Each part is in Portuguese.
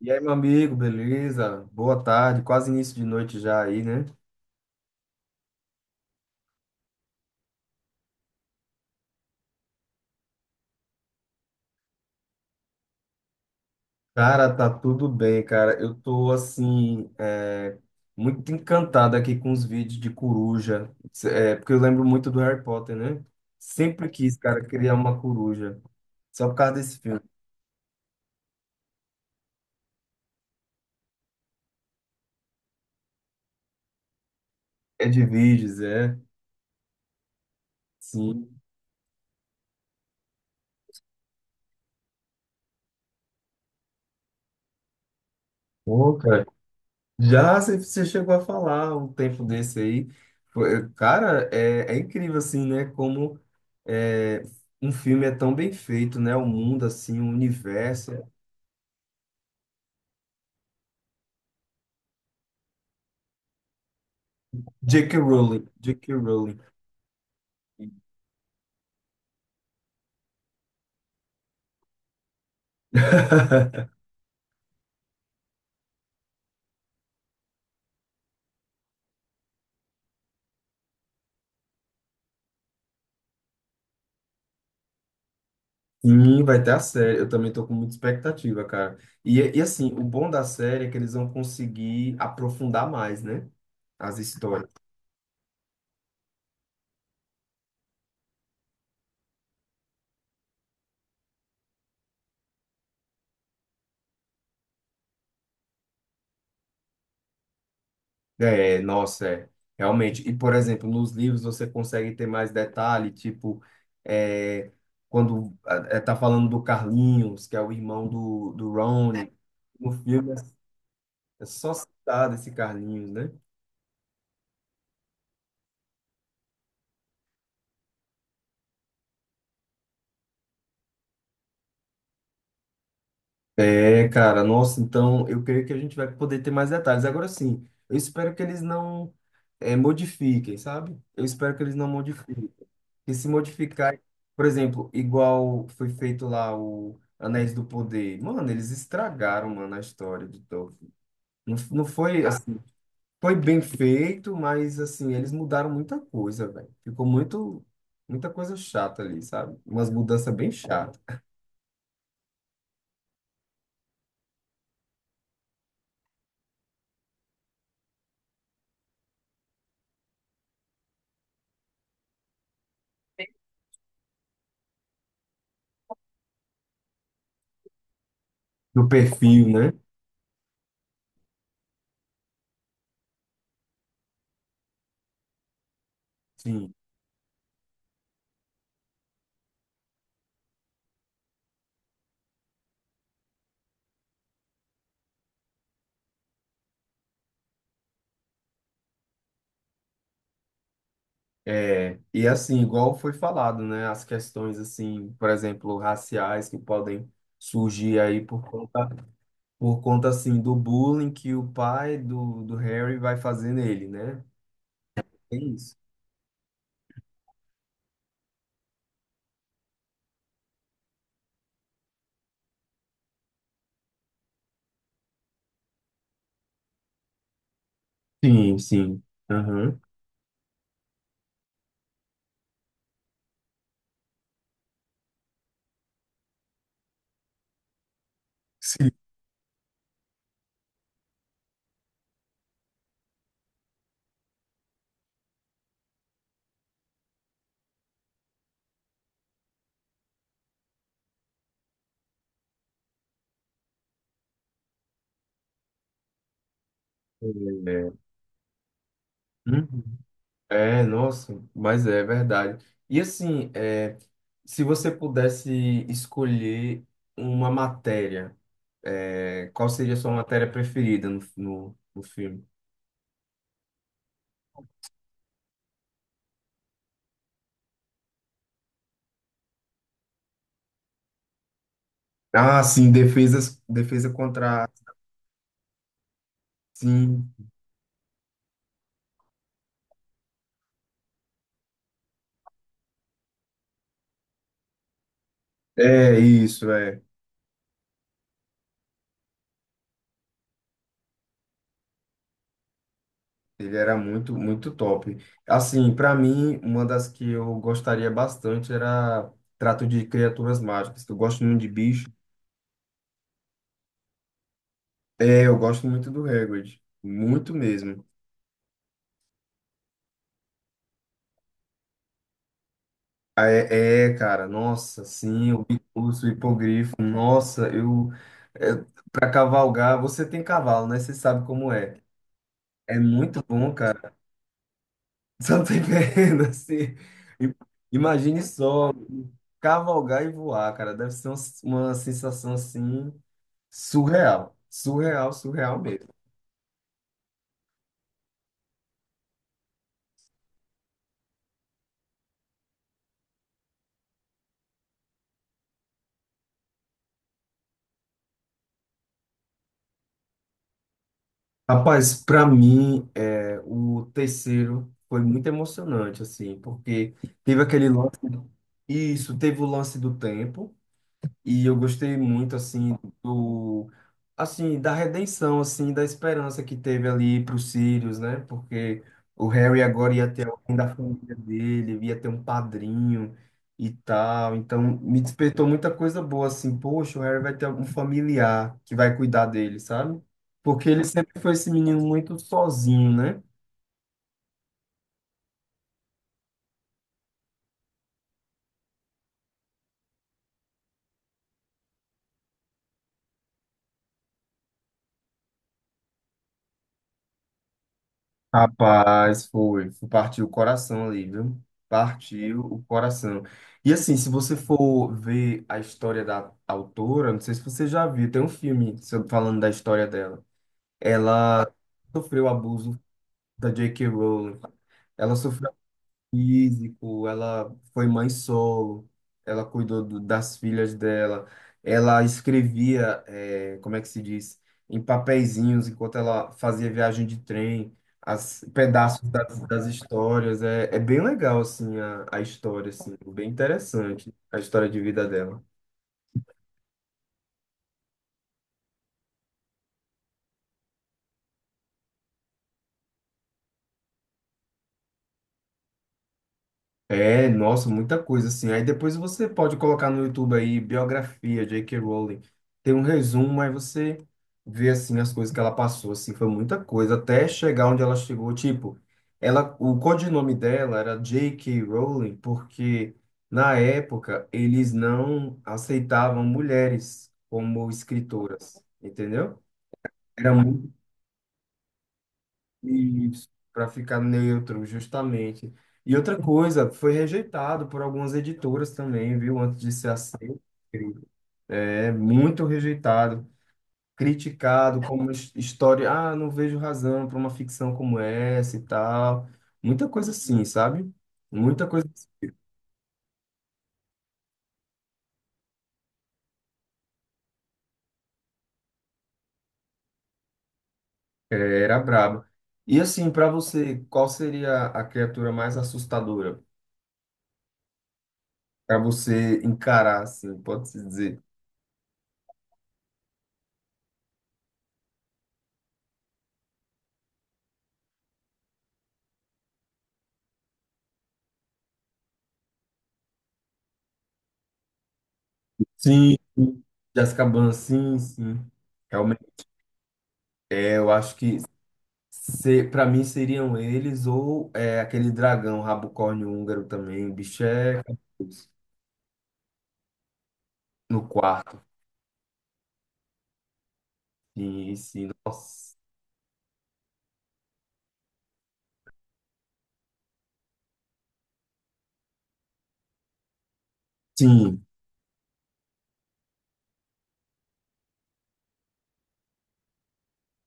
E aí, meu amigo, beleza? Boa tarde, quase início de noite já aí, né? Cara, tá tudo bem, cara. Eu tô, assim, muito encantado aqui com os vídeos de coruja, porque eu lembro muito do Harry Potter, né? Sempre quis, cara, criar uma coruja, só por causa desse filme. É de vídeos, é? Sim. Pô, cara. Já, você chegou a falar um tempo desse aí. Cara, é, é incrível assim, né? Como é, um filme é tão bem feito, né? O mundo, assim, o universo. J.K. Rowling, J.K. Rowling. Sim, vai ter a série. Eu também tô com muita expectativa, cara. E assim, o bom da série é que eles vão conseguir aprofundar mais, né? As histórias. É, nossa, realmente. E, por exemplo, nos livros você consegue ter mais detalhe, tipo, é, quando tá falando do Carlinhos, que é o irmão do Ronnie, no filme é só citado esse Carlinhos, né? É, cara, nossa, então eu creio que a gente vai poder ter mais detalhes. Agora sim, eu espero que eles não modifiquem, sabe? Eu espero que eles não modifiquem. E se modificar, por exemplo, igual foi feito lá o Anéis do Poder. Mano, eles estragaram, mano, a história de Tolkien. Não, não foi assim, foi bem feito, mas assim, eles mudaram muita coisa, velho. Ficou muito, muita coisa chata ali, sabe? Umas mudanças bem chatas. Do perfil, né? Sim. É, e assim, igual foi falado, né, as questões assim, por exemplo, raciais que podem surgir aí por conta assim do bullying que o pai do Harry vai fazer nele, né? É isso. Sim, sim. Aham. Sim. É. Uhum. É, nossa, mas é verdade. E assim, é, se você pudesse escolher uma matéria, é, qual seria a sua matéria preferida no filme? Ah, sim, defesas, defesa contra. Sim, é isso, é. Ele era muito, muito top. Assim, para mim, uma das que eu gostaria bastante era Trato de Criaturas Mágicas, que eu gosto muito de bicho. É, eu gosto muito do Hagrid, muito mesmo. Ah, é, é, cara, nossa, sim, o Bicurso, o hipogrifo, nossa, eu. É, para cavalgar, você tem cavalo, né? Você sabe como é. É muito bom, cara. Só tem perna, assim. I- Imagine só cavalgar e voar, cara. Uma sensação assim surreal. Surreal, surreal mesmo. Rapaz, para mim, é, o terceiro foi muito emocionante, assim, porque teve aquele lance. Isso, teve o lance do tempo. E eu gostei muito, assim, do, assim, da redenção, assim, da esperança que teve ali para os Sirius, né? Porque o Harry agora ia ter alguém da família dele, ia ter um padrinho e tal. Então, me despertou muita coisa boa, assim, poxa, o Harry vai ter um familiar que vai cuidar dele, sabe? Porque ele sempre foi esse menino muito sozinho, né? Rapaz, partiu o coração ali, viu? Partiu o coração. E assim, se você for ver a história da autora, não sei se você já viu, tem um filme falando da história dela. Ela sofreu abuso da J.K. Rowling. Ela sofreu físico, ela foi mãe solo, ela cuidou das filhas dela, ela escrevia, como é que se diz, em papeizinhos enquanto ela fazia viagem de trem, as pedaços das histórias, é, é bem legal, assim, a história, assim, bem interessante, a história de vida dela. É, nossa, muita coisa assim. Aí depois você pode colocar no YouTube aí biografia J.K. Rowling. Tem um resumo, aí você vê assim as coisas que ela passou, assim, foi muita coisa até chegar onde ela chegou, tipo, ela o codinome dela era J.K. Rowling porque na época eles não aceitavam mulheres como escritoras, entendeu? Era muito isso, para ficar neutro, justamente. E outra coisa, foi rejeitado por algumas editoras também, viu? Antes de ser aceito. É muito rejeitado, criticado como história. Ah, não vejo razão para uma ficção como essa e tal. Muita coisa assim, sabe? Muita coisa. É, era braba. E assim, para você, qual seria a criatura mais assustadora para você encarar, assim, pode-se dizer? Sim, sim. Jessica Biel, sim, sim. Eu acho que se, para mim seriam eles ou é, aquele dragão rabocórnio húngaro também. O bicho é cabuloso. No quarto. Sim, sim. Nossa. Sim,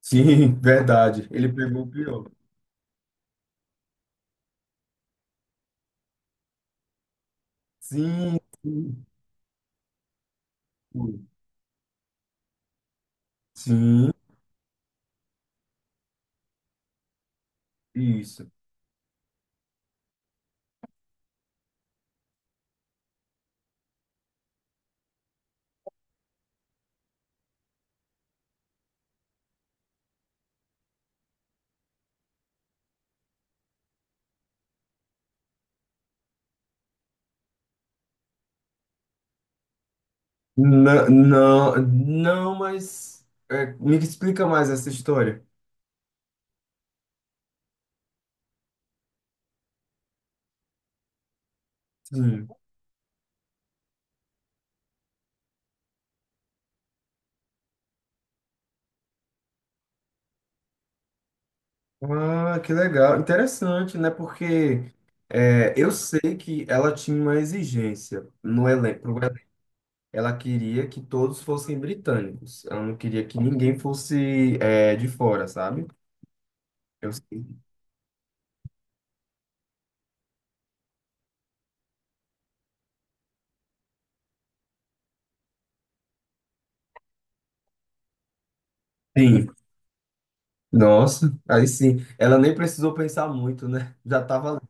sim, verdade. Ele pegou o pior. Sim, sim, sim. Sim, isso. Não, não, não, mas é, me explica mais essa história. Sim. Ah, que legal. Interessante, né? Porque é, eu sei que ela tinha uma exigência no elenco. Ela queria que todos fossem britânicos. Ela não queria que ninguém fosse é, de fora, sabe? Eu sei. Sim. Nossa, aí sim. Ela nem precisou pensar muito, né? Já tava lá.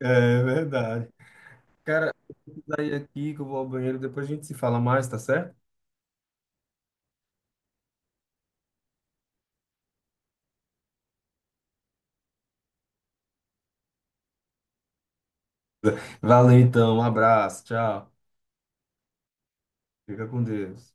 É verdade. Cara, daí aqui que eu vou ao banheiro, depois a gente se fala mais, tá certo? Valeu então, um abraço, tchau. Fica com Deus.